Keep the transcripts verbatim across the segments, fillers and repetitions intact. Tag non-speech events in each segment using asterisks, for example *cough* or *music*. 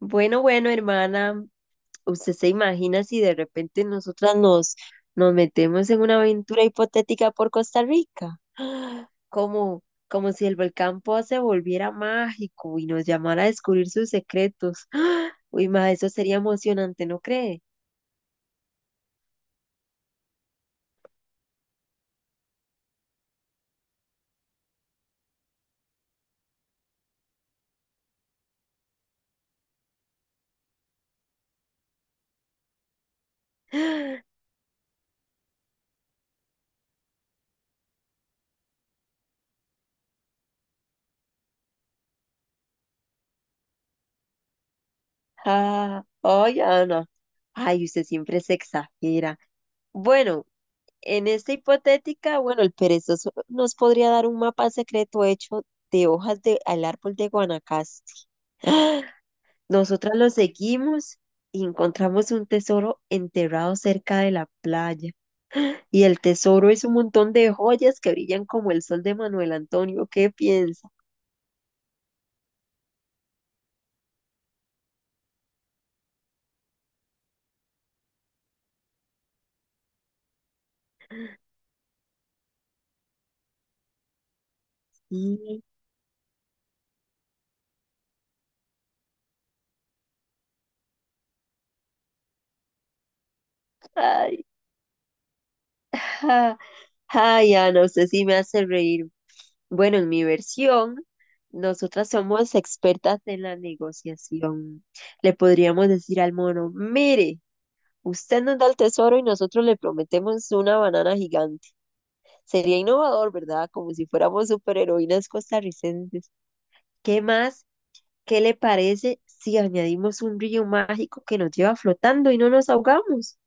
Bueno, bueno, hermana, ¿usted se imagina si de repente nosotras nos, nos metemos en una aventura hipotética por Costa Rica? Como, como si el volcán Poa se volviera mágico y nos llamara a descubrir sus secretos. ¡Ah! Uy, ma, eso sería emocionante, ¿no cree? Ah, ay, Ana, ay, usted siempre se exagera. Bueno, en esta hipotética, bueno, el perezoso nos podría dar un mapa secreto hecho de hojas del árbol de Guanacaste. *gasps* Nosotras los seguimos y encontramos un tesoro enterrado cerca de la playa. Y el tesoro es un montón de joyas que brillan como el sol de Manuel Antonio. ¿Qué piensa? Y- Ay, ja, ay, Ana, usted sí me hace reír. Bueno, en mi versión, nosotras somos expertas en la negociación. Le podríamos decir al mono, mire, usted nos da el tesoro y nosotros le prometemos una banana gigante. Sería innovador, ¿verdad? Como si fuéramos superheroínas costarricenses. ¿Qué más? ¿Qué le parece si añadimos un río mágico que nos lleva flotando y no nos ahogamos?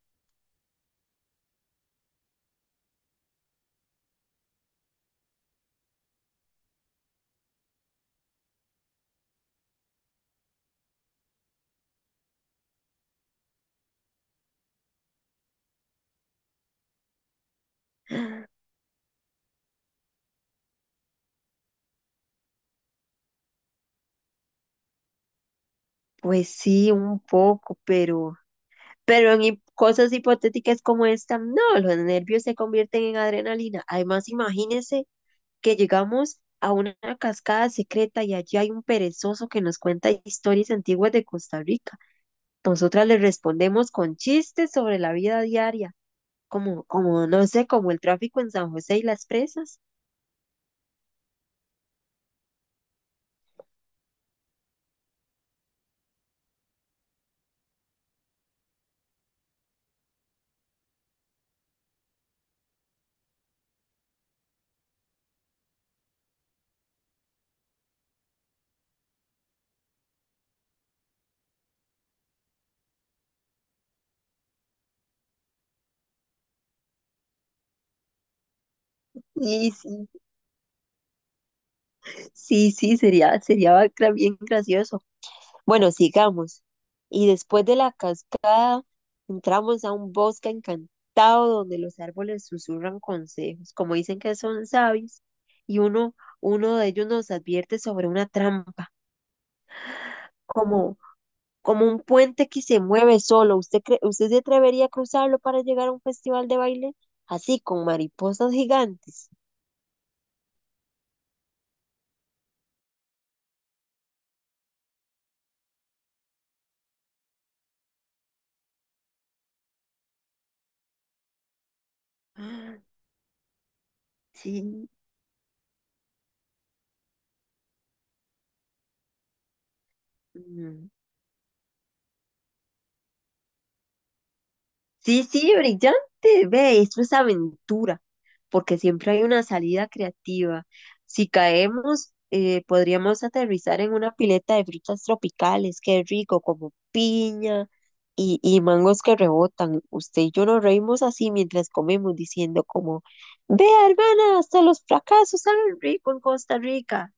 Pues sí, un poco, pero, pero en hip- cosas hipotéticas como esta, no, los nervios se convierten en adrenalina. Además, imagínense que llegamos a una cascada secreta y allí hay un perezoso que nos cuenta historias antiguas de Costa Rica. Nosotras le respondemos con chistes sobre la vida diaria, como, como, no sé, como el tráfico en San José y las presas. Sí, sí, sí, sí, sería, sería gra- bien gracioso. Bueno, sigamos. Y después de la cascada, entramos a un bosque encantado donde los árboles susurran consejos, como dicen que son sabios, y uno, uno de ellos nos advierte sobre una trampa, como, como un puente que se mueve solo. ¿Usted cree, usted se atrevería a cruzarlo para llegar a un festival de baile? Así, con mariposas gigantes. *gasps* Sí, mm, sí, sí, brillante, ve, esto es aventura, porque siempre hay una salida creativa. Si caemos, eh, podríamos aterrizar en una pileta de frutas tropicales, qué rico, como piña y, y mangos que rebotan. Usted y yo nos reímos así mientras comemos, diciendo como, vea, hermana, hasta los fracasos saben rico en Costa Rica.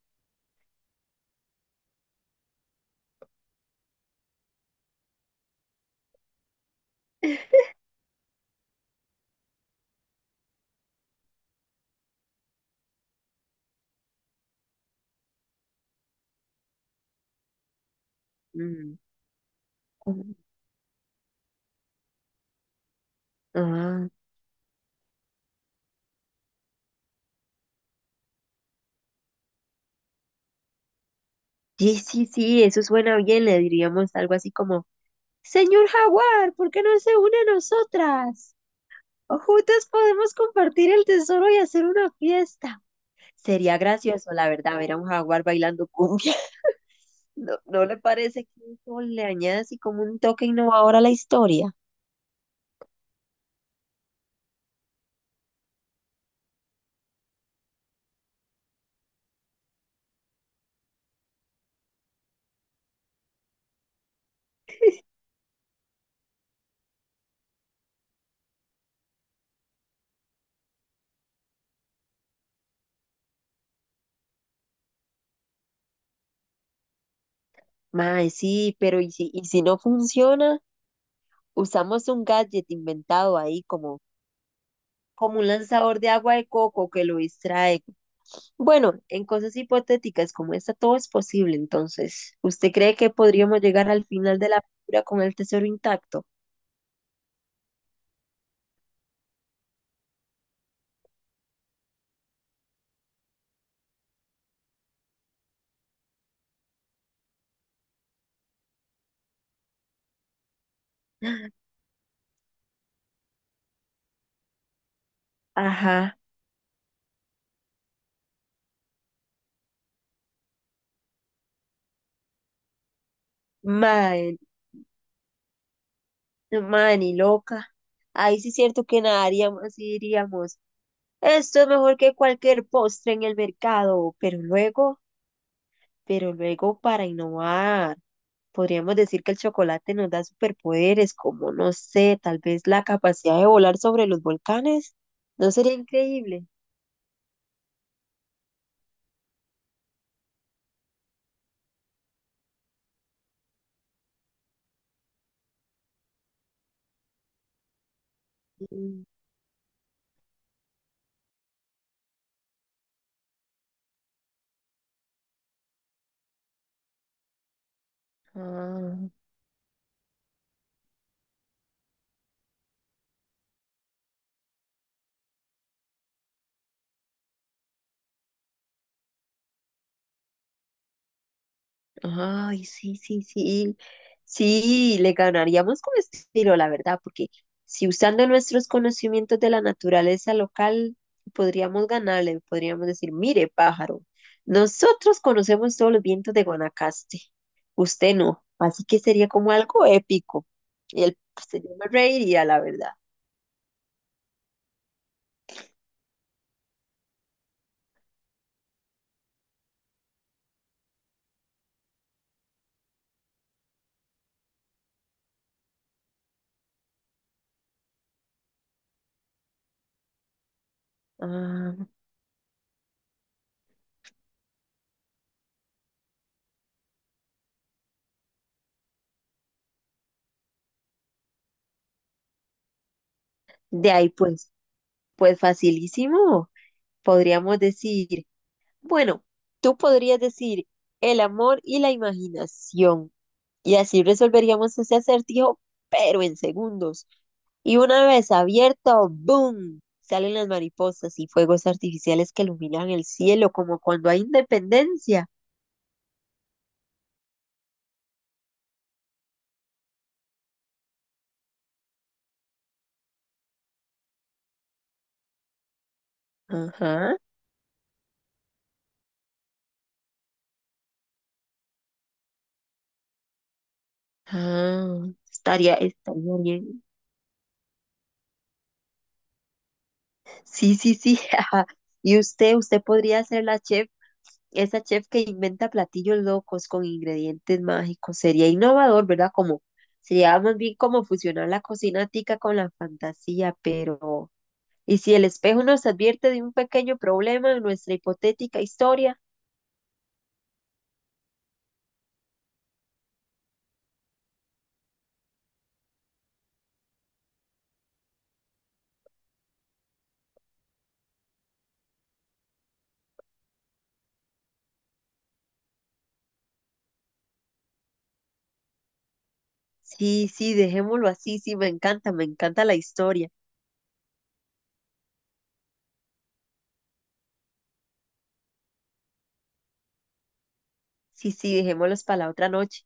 Mm. Ah, sí, sí, sí, eso suena bien, le diríamos algo así como... Señor Jaguar, ¿por qué no se une a nosotras? O juntas podemos compartir el tesoro y hacer una fiesta. Sería gracioso, la verdad, ver a un jaguar bailando cumbia. *laughs* ¿No, no le parece que eso le añade así como un toque innovador a la historia? Mae, sí, pero ¿y si, y si no funciona? Usamos un gadget inventado ahí como, como un lanzador de agua de coco que lo distrae. Bueno, en cosas hipotéticas como esta todo es posible. Entonces, ¿usted cree que podríamos llegar al final de la película con el tesoro intacto? Ajá, man, man y loca. Ahí sí es cierto que nadaríamos y diríamos, esto es mejor que cualquier postre en el mercado, pero luego, pero luego para innovar, podríamos decir que el chocolate nos da superpoderes, como no sé, tal vez la capacidad de volar sobre los volcanes, ¿no sería increíble? Ah, ay, sí, sí, sí. Sí, le ganaríamos con estilo, la verdad, porque si usando nuestros conocimientos de la naturaleza local, podríamos ganarle, podríamos decir, mire, pájaro, nosotros conocemos todos los vientos de Guanacaste, usted no, así que sería como algo épico. Y él, pues, yo me reiría, la verdad. Ah, de ahí, pues, pues facilísimo, podríamos decir. Bueno, tú podrías decir el amor y la imaginación, y así resolveríamos ese acertijo, pero en segundos. Y una vez abierto, ¡boom! Salen las mariposas y fuegos artificiales que iluminan el cielo, como cuando hay independencia. Ajá. Ah, estaría, estaría bien. Sí, sí, sí. *laughs* Y usted, usted podría ser la chef, esa chef que inventa platillos locos con ingredientes mágicos. Sería innovador, ¿verdad? Como sería más bien como fusionar la cocina tica con la fantasía, pero ¿y si el espejo nos advierte de un pequeño problema en nuestra hipotética historia? Sí, sí, dejémoslo así. Sí, me encanta, me encanta la historia. Sí, sí, dejémoslos para la otra noche.